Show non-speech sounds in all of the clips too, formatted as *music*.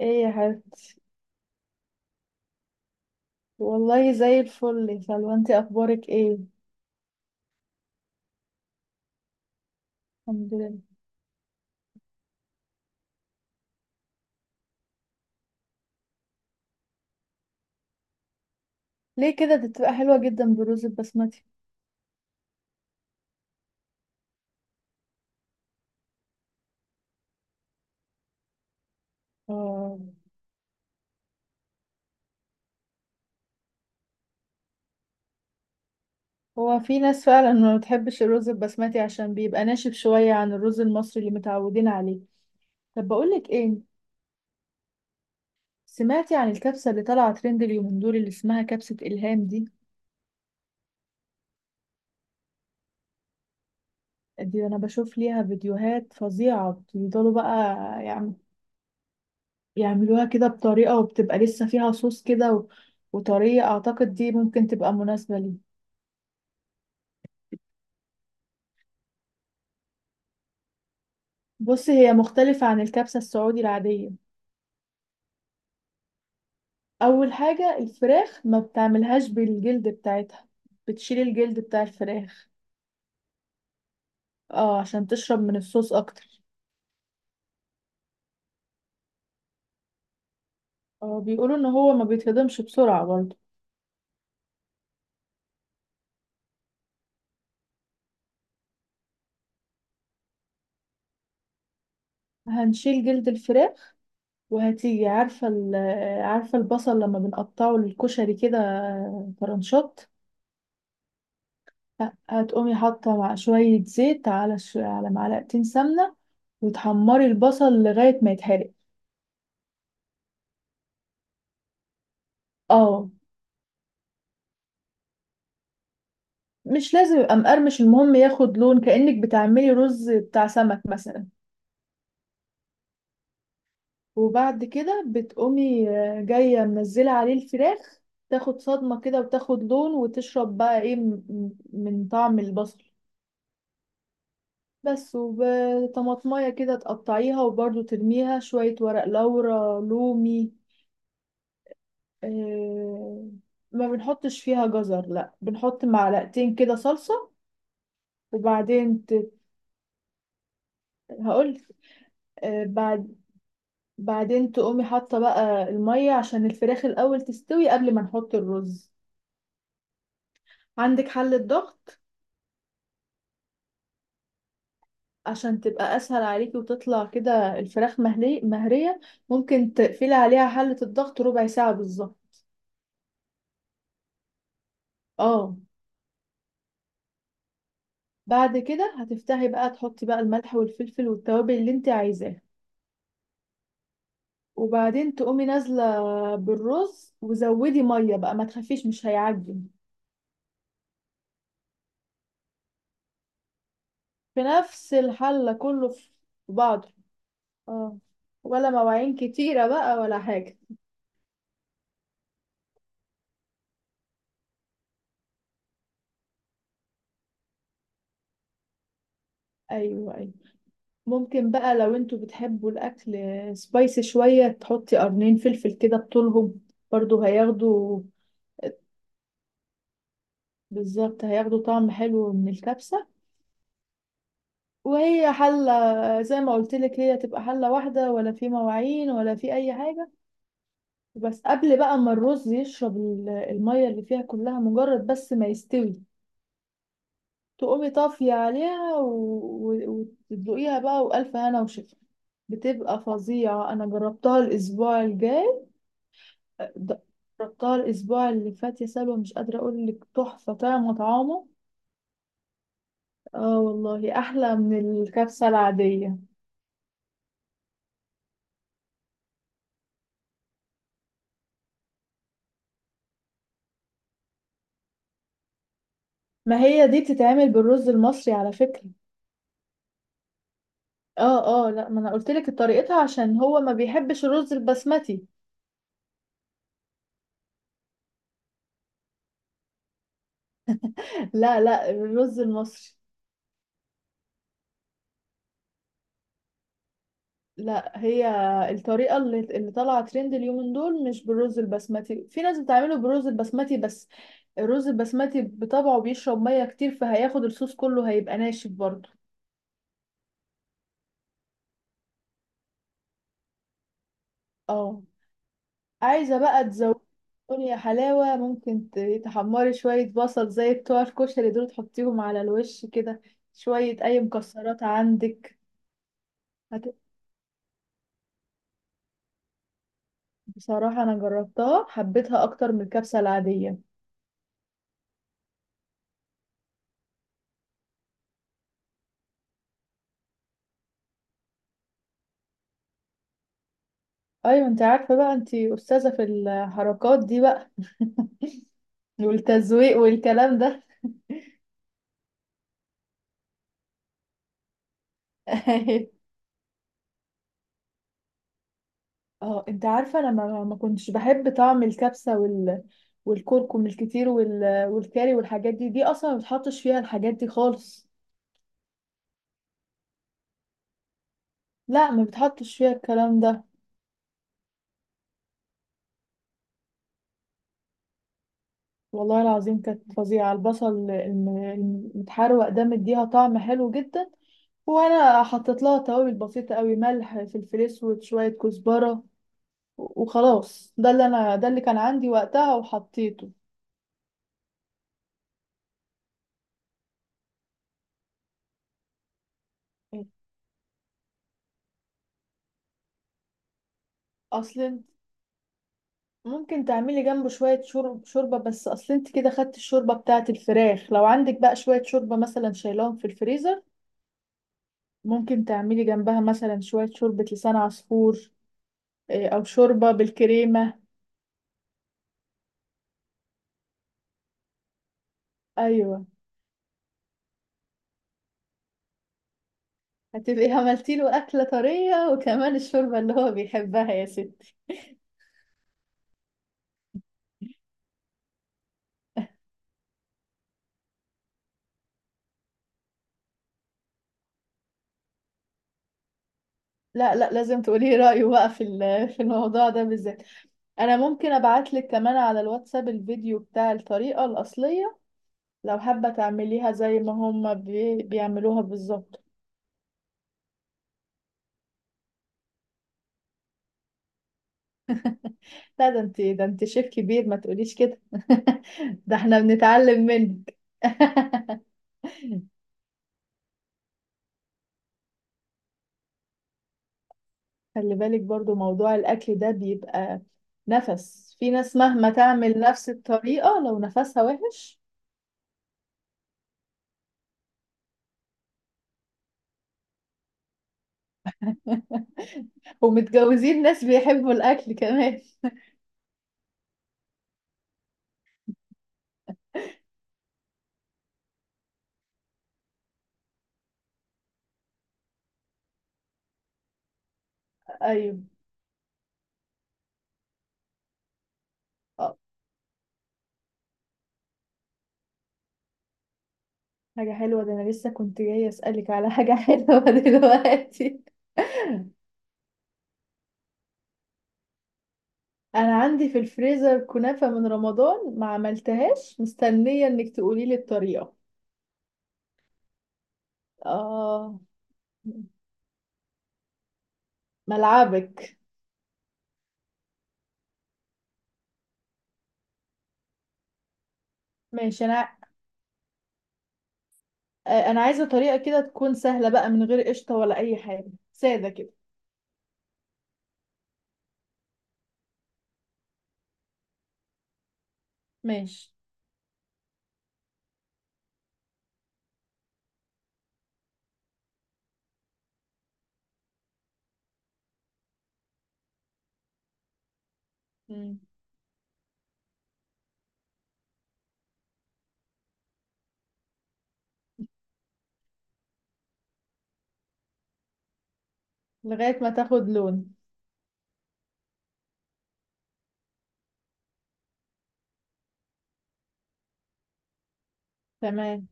ايه يا حبيبتي. والله زي الفل يا سلوى، انت اخبارك ايه؟ الحمد لله. ليه كده؟ دي بتبقى حلوه جدا بالرز البسمتي. اه، هو في ناس فعلا ما بتحبش الرز البسمتي عشان بيبقى ناشف شويه عن الرز المصري اللي متعودين عليه. طب بقولك ايه، سمعتي عن الكبسه اللي طالعه ترند اليومين دول اللي اسمها كبسه الهام دي؟ دي انا بشوف ليها فيديوهات فظيعه بيفضلوا بقى يعم- يعملوها كده بطريقه وبتبقى لسه فيها صوص كده وطريقة أعتقد دي ممكن تبقى مناسبة لي. بص، هي مختلفة عن الكبسة السعودي العادية. أول حاجة الفراخ ما بتعملهاش بالجلد بتاعتها، بتشيل الجلد بتاع الفراخ. اه، عشان تشرب من الصوص أكتر. اه، بيقولوا إن هو ما بيتهضمش بسرعة برضه. هنشيل جلد الفراخ، وهتيجي عارفة البصل لما بنقطعه للكشري كده، طرنشات. هتقومي حاطة مع شوية زيت على على معلقتين سمنة وتحمري البصل لغاية ما يتحرق. اه، مش لازم يبقى مقرمش، المهم ياخد لون كأنك بتعملي رز بتاع سمك مثلا. وبعد كده بتقومي جاية منزلة عليه الفراخ، تاخد صدمة كده وتاخد لون وتشرب بقى ايه من طعم البصل. بس وطماطمية كده تقطعيها وبرضو ترميها شوية ورق لورا لومي. آه، ما بنحطش فيها جزر، لا بنحط معلقتين كده صلصة. وبعدين هقول. آه، بعد بعدين تقومي حاطة بقى المية عشان الفراخ الأول تستوي قبل ما نحط الرز. عندك حلة ضغط عشان تبقى أسهل عليكي وتطلع كده الفراخ مهرية. ممكن تقفلي عليها حلة الضغط ربع ساعة بالظبط. اه. بعد كده هتفتحي بقى تحطي بقى الملح والفلفل والتوابل اللي انت عايزاها، وبعدين تقومي نازلة بالرز وزودي مية بقى، ما تخافيش مش هيعجن. في نفس الحلة كله في بعض. اه، ولا مواعين كتيرة بقى ولا حاجة. ايوه، ايوه. ممكن بقى لو انتوا بتحبوا الاكل سبايسي شوية تحطي قرنين فلفل كده بطولهم، برضو هياخدوا. بالظبط، هياخدوا طعم حلو من الكبسة. وهي حلة، زي ما قلت لك، هي تبقى حلة واحدة ولا في مواعين ولا في أي حاجة. بس قبل بقى ما الرز يشرب المية اللي فيها كلها، مجرد بس ما يستوي تقومي طافية عليها وتدوقيها بقى، وألف هنا وشفا. بتبقى فظيعة، أنا جربتها الأسبوع الجاي. د- جربتها الأسبوع اللي فات يا سلوى، مش قادرة أقول لك تحفة، طعم طعامه. اه والله، أحلى من الكبسة العادية. ما هي دي بتتعمل بالرز المصري على فكرة. اه، اه، لا، ما انا قلت لك طريقتها عشان هو ما بيحبش الرز البسمتي. *laughs* لا، لا، الرز المصري. لا، هي الطريقة اللي طالعة ترند اليومين دول مش بالرز البسمتي، في ناس بتعمله بالرز البسمتي بس. الرز البسمتي بطبعه بيشرب مية كتير فهياخد الصوص كله، هيبقى ناشف برضه. اه، عايزة بقى تزودي يا حلاوة ممكن تحمري شوية بصل زي بتوع الكشري دول تحطيهم على الوش كده، شوية أي مكسرات عندك. هت... بصراحة أنا جربتها حبيتها أكتر من الكبسة العادية. أيوة، أنت عارفة بقى، أنت أستاذة في الحركات دي بقى، والتزويق والكلام ده. *laughs* اه، انت عارفه انا ما كنتش بحب طعم الكبسه والكركم الكتير والكاري والحاجات دي اصلا ما بتحطش فيها الحاجات دي خالص. لا، ما بتحطش فيها الكلام ده. والله العظيم، كانت فظيعه، البصل المتحروق ده مديها طعم حلو جدا. وانا حطيت لها توابل بسيطه قوي، ملح فلفل اسود شويه كزبره، وخلاص. ده اللي كان عندي وقتها وحطيته. اصلا ممكن تعملي جنبه شوية شوربة، بس أصل أنت كده خدت الشوربة بتاعة الفراخ، لو عندك بقى شوية شوربة مثلا شايلاهم في الفريزر ممكن تعملي جنبها مثلا شوية شوربة لسان عصفور. أو شوربة بالكريمة. أيوة، هتبقي عملتي له أكلة طرية وكمان الشوربة اللي هو بيحبها يا ستي. لا، لا، لازم تقولي رأيه بقى في في الموضوع ده بالذات. أنا ممكن أبعتلك كمان على الواتساب الفيديو بتاع الطريقة الأصلية، لو حابة تعمليها زي ما هم بيعملوها بالظبط. لا، ده انت شيف كبير، ما تقوليش كده. *laughs* ده احنا بنتعلم منك. *laughs* خلي بالك برضو موضوع الأكل ده بيبقى نفس، في ناس مهما تعمل نفس الطريقة لو نفسها وحش. *laughs* ومتجوزين ناس بيحبوا الأكل كمان. أيوة. آه، حاجة حلوة، ده أنا لسه كنت جاية أسألك على حاجة *laughs* حلوة دلوقتي. *laughs* انا عندي في الفريزر كنافة من رمضان ما عملتهاش مستنية انك تقولي لي الطريقة. اه، ملعبك. ماشي. انا عايزة طريقة كده تكون سهلة بقى من غير قشطة ولا اي حاجة سادة كده. ماشي. مم. لغاية ما تاخد لون. تمام.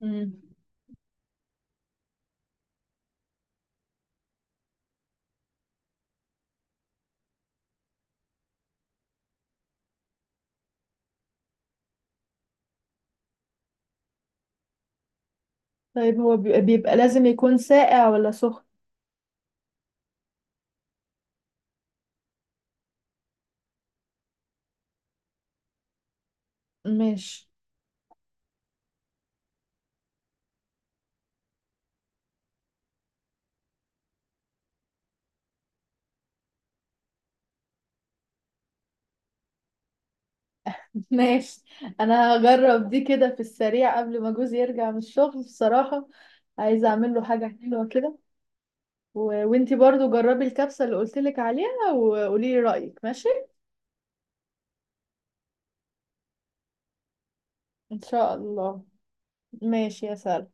مم. طيب، هو بيبقى لازم يكون ساقع ولا سخن؟ ماشي. *laughs* ماشي، انا هجرب دي كده في السريع قبل ما جوزي يرجع من الشغل بصراحة، عايزة اعمل له حاجة حلوة كده. وانتي برضو جربي الكبسة اللي قلتلك عليها وقولي لي رأيك، ماشي. ان شاء الله. ماشي يا سلام.